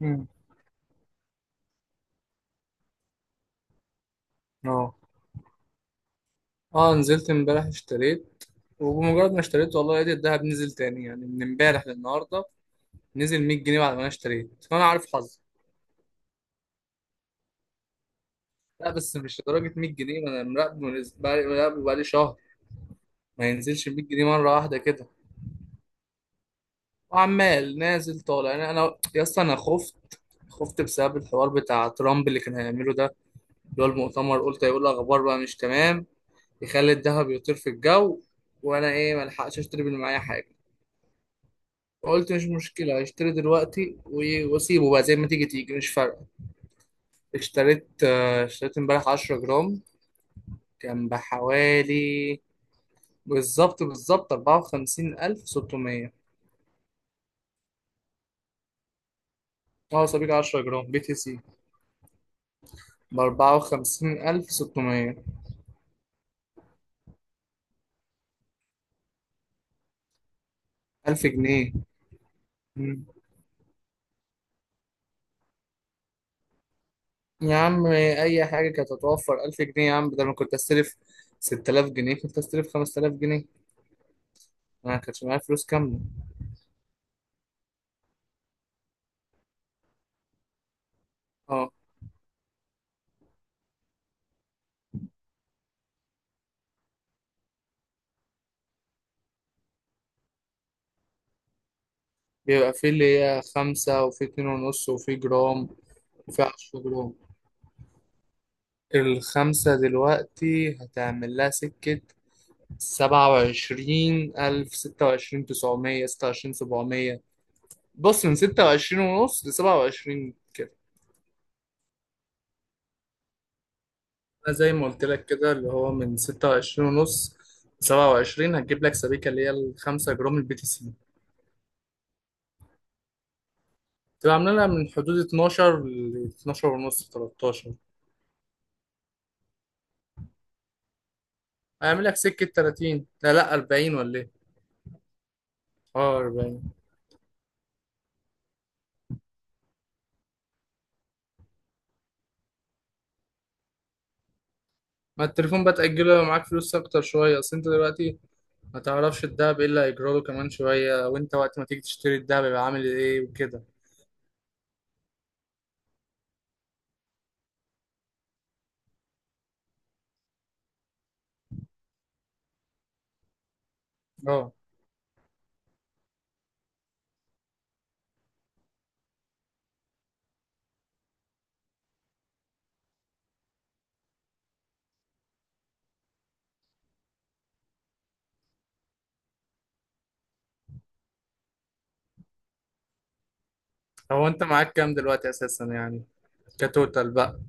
مم. اه، اه، نزلت امبارح اشتريت. وبمجرد ما اشتريت والله لقيت الدهب نزل تاني، يعني من امبارح للنهارده نزل 100 جنيه بعد ما انا اشتريت، فانا عارف حظي. لا بس مش لدرجه 100 جنيه، ما انا مراقبه بقالي مراقبه بقالي شهر. ما ينزلش 100 جنيه مره واحده كده، وعمال نازل طالع. يعني انا يا اسطى انا خفت. خفت بسبب الحوار بتاع ترامب اللي كان هيعمله ده، اللي هو المؤتمر، قلت هيقول اخبار بقى مش تمام، يخلي الدهب يطير في الجو. وانا ايه، ما الحقش اشتري من معايا حاجه. قلت مش مشكلة، هشتري دلوقتي واسيبه بقى زي ما تيجي تيجي، مش فارقة. اشتريت، آه، اشتريت امبارح 10 جرام. كان بحوالي، بالظبط بالظبط 54,600. اه، صبيك 10 جرام بي تي سي. بأربعة وخمسين ألف ستمية. 1000 جنيه. مم. يا عم، أي حاجة كانت هتوفر 1000 جنيه يا عم، بدل ما كنت أستلف 6000 جنيه، كنت أستلف 5000 جنيه. أنا كانش معايا فلوس كاملة. اه، بيبقى في اللي هي خمسة وفي اتنين ونص وفي جرام. وفيها 10 جرام. الخمسة دلوقتي هتعمل لها سكة 27,000، 26,900، 26,700. بص من ستة وعشرين ونص لسبعة وعشرين كده. أنا زي ما قلت لك كده، اللي هو من ستة وعشرين ونص لسبعة وعشرين هتجيب لك سبيكة اللي هي الخمسة جرام البي تي سي. تبقى عاملة لها من حدود اتناشر لاتناشر ونص تلاتاشر. هيعمل لك سكة 30، لا لا 40، ولا إيه؟ اه 40. ما التليفون بقى تأجله لو معاك فلوس أكتر شوية. أصل أنت دلوقتي ما تعرفش الدهب ايه اللي هيجرى له كمان شوية، وانت وقت ما تيجي تشتري الدهب يبقى عامل ايه وكده. اه، هو انت معاك كام دلوقتي اساسا يعني؟ كتوتال بقى.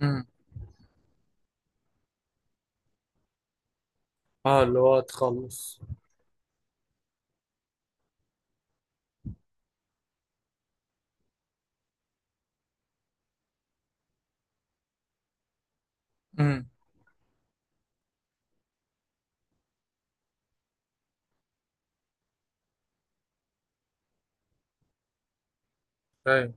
امم. اه. اللي هو تخلص. امم. فاهم.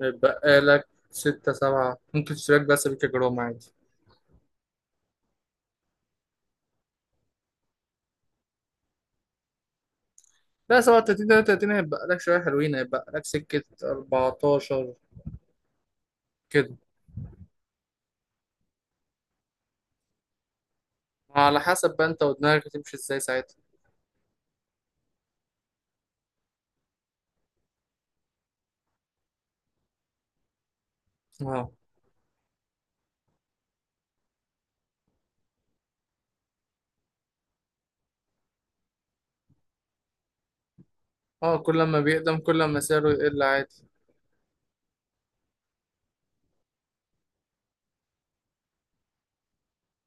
هيتبقى لك ستة سبعة، ممكن تشتري لك بقى سبيكة جرام عادي. لا، 37 33 هيتبقى لك شوية حلوين، هيتبقى لك سكة 14 كده. على حسب بقى انت ودماغك هتمشي ازاي ساعتها. اه. اه، كل ما بيقدم كل ما سعره يقل عادي.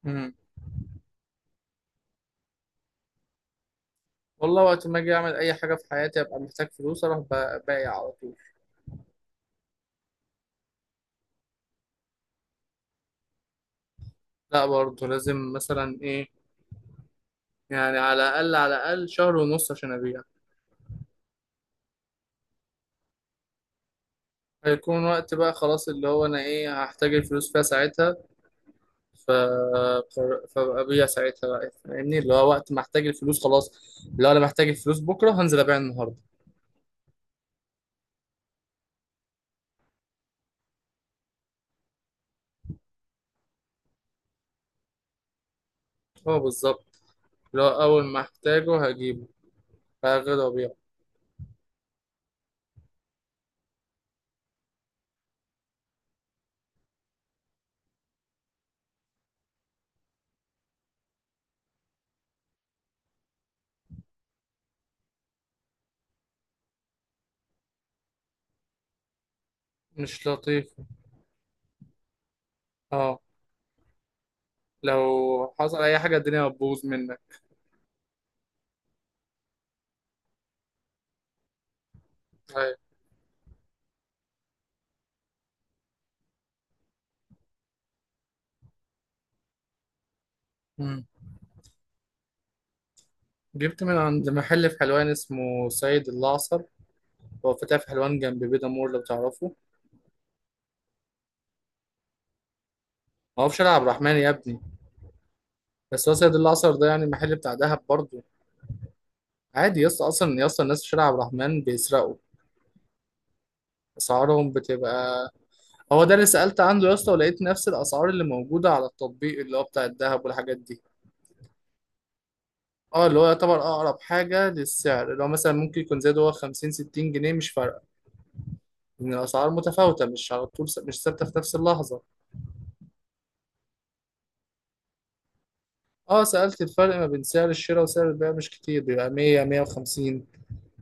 امم. والله، وقت ما اجي اعمل اي حاجه في حياتي ابقى محتاج فلوس اروح بايع على طول. لا برضه لازم مثلا ايه، يعني على الاقل على الاقل شهر ونص عشان ابيع. هيكون وقت بقى خلاص اللي هو انا ايه هحتاج الفلوس فيها ساعتها، ف فابقى ابيع ساعتها بقى فاهمني، اللي هو وقت ما احتاج الفلوس خلاص. لو انا محتاج الفلوس بكره هنزل ابيع النهارده. هو بالظبط. اللي هو اول ما احتاجه هجيبه، هاخده وابيعه. مش لطيف. اه، لو حصل اي حاجه الدنيا هتبوظ منك. أيوة. جبت من عند محل في حلوان اسمه سيد الأعصر. هو فتح في حلوان جنب بيدا مور لو تعرفه. ما هو في شارع عبد الرحمن يا ابني، بس هو سيد الأعصر ده يعني محل بتاع دهب برضه. عادي يا اسطى، أصلا يا اسطى الناس في شارع عبد الرحمن بيسرقوا. أسعارهم بتبقى، هو ده اللي سألت عنده يا اسطى، ولقيت نفس الأسعار اللي موجودة على التطبيق اللي هو بتاع الدهب والحاجات دي. اه، اللي هو يعتبر أقرب حاجة للسعر، اللي هو مثلا ممكن يكون زاد هو 50 60 جنيه، مش فارقة. إن الأسعار متفاوتة، مش على طول س- مش ثابتة في نفس اللحظة. اه، سألت الفرق ما بين سعر الشراء وسعر البيع مش كتير، بيبقى 100 150.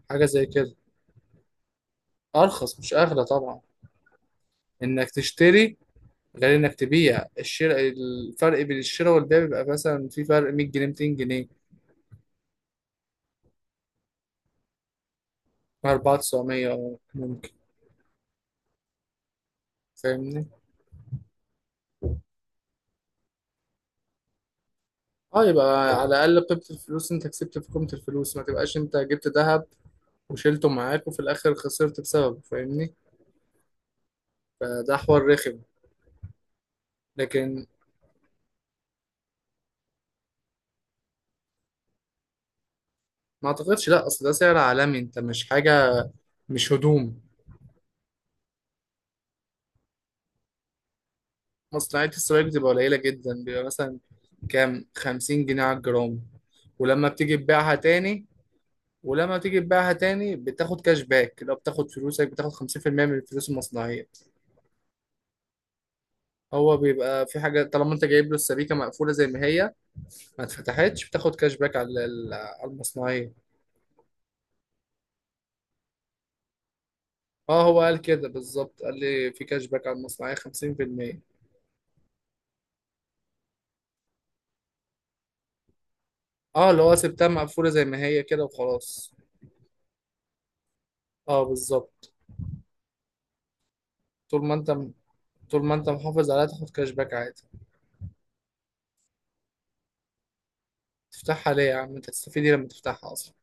حاجة زي كده. أرخص مش أغلى طبعا. إنك تشتري غير إنك تبيع، الشراء، الفرق بين الشراء والبيع بيبقى مثلا في فرق 100 جنيه 200 جنيه. 4900 ممكن. فاهمني. اه، يبقى على الأقل قيمة الفلوس أنت كسبت في قيمة الفلوس، ما تبقاش أنت جبت ذهب وشيلته معاك وفي الآخر خسرت بسببه. فاهمني. فده حوار رخم. لكن ما أعتقدش، لأ، أصل ده سعر عالمي، أنت مش حاجة، مش هدوم. مصنعية السلايك بتبقى قليلة جدا، بيبقى مثلا كام، 50 جنيه على الجرام. ولما بتيجي تبيعها تاني، بتاخد كاش باك، لو بتاخد فلوسك بتاخد 50% من الفلوس المصنعية. هو بيبقى في حاجة طالما انت جايب له السبيكة مقفولة زي ما هي، ما اتفتحتش بتاخد كاش باك على المصنعية. اه، هو قال كده بالظبط، قال لي في كاش باك على المصنعية 50%. اه، اللي هو سبتها مقفولة زي ما هي كده وخلاص. اه بالظبط. طول ما انت طول ما انت محافظ عليها تاخد كاش باك عادي. تفتحها ليه يا عم؟ انت هتستفيدي لما تفتحها اصلا؟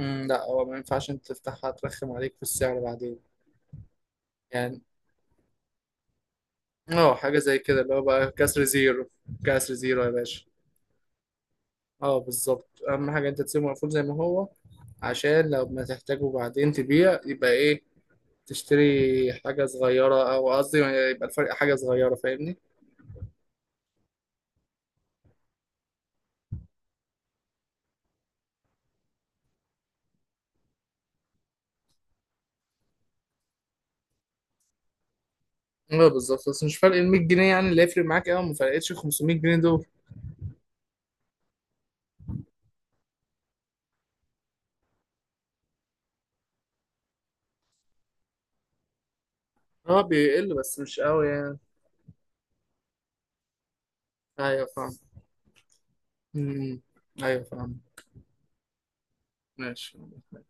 امم. لا، هو ما ينفعش انت تفتحها، ترخم عليك في السعر بعدين. يعني، اه، حاجه زي كده، اللي هو بقى كسر زيرو. كسر زيرو يا باشا. اه بالظبط، اهم حاجه انت تسيبه مقفول زي ما هو، عشان لو ما تحتاجه بعدين تبيع يبقى ايه، تشتري حاجه صغيره. او قصدي يبقى الفرق حاجه صغيره فاهمني. اه بالظبط، بس مش فرق ال 100 جنيه يعني اللي يفرق معاك قوي، ما فرقتش 500 جنيه دول. اه بيقل بس مش قوي يعني. ايوه فاهم. امم. ايوه فاهم. ماشي.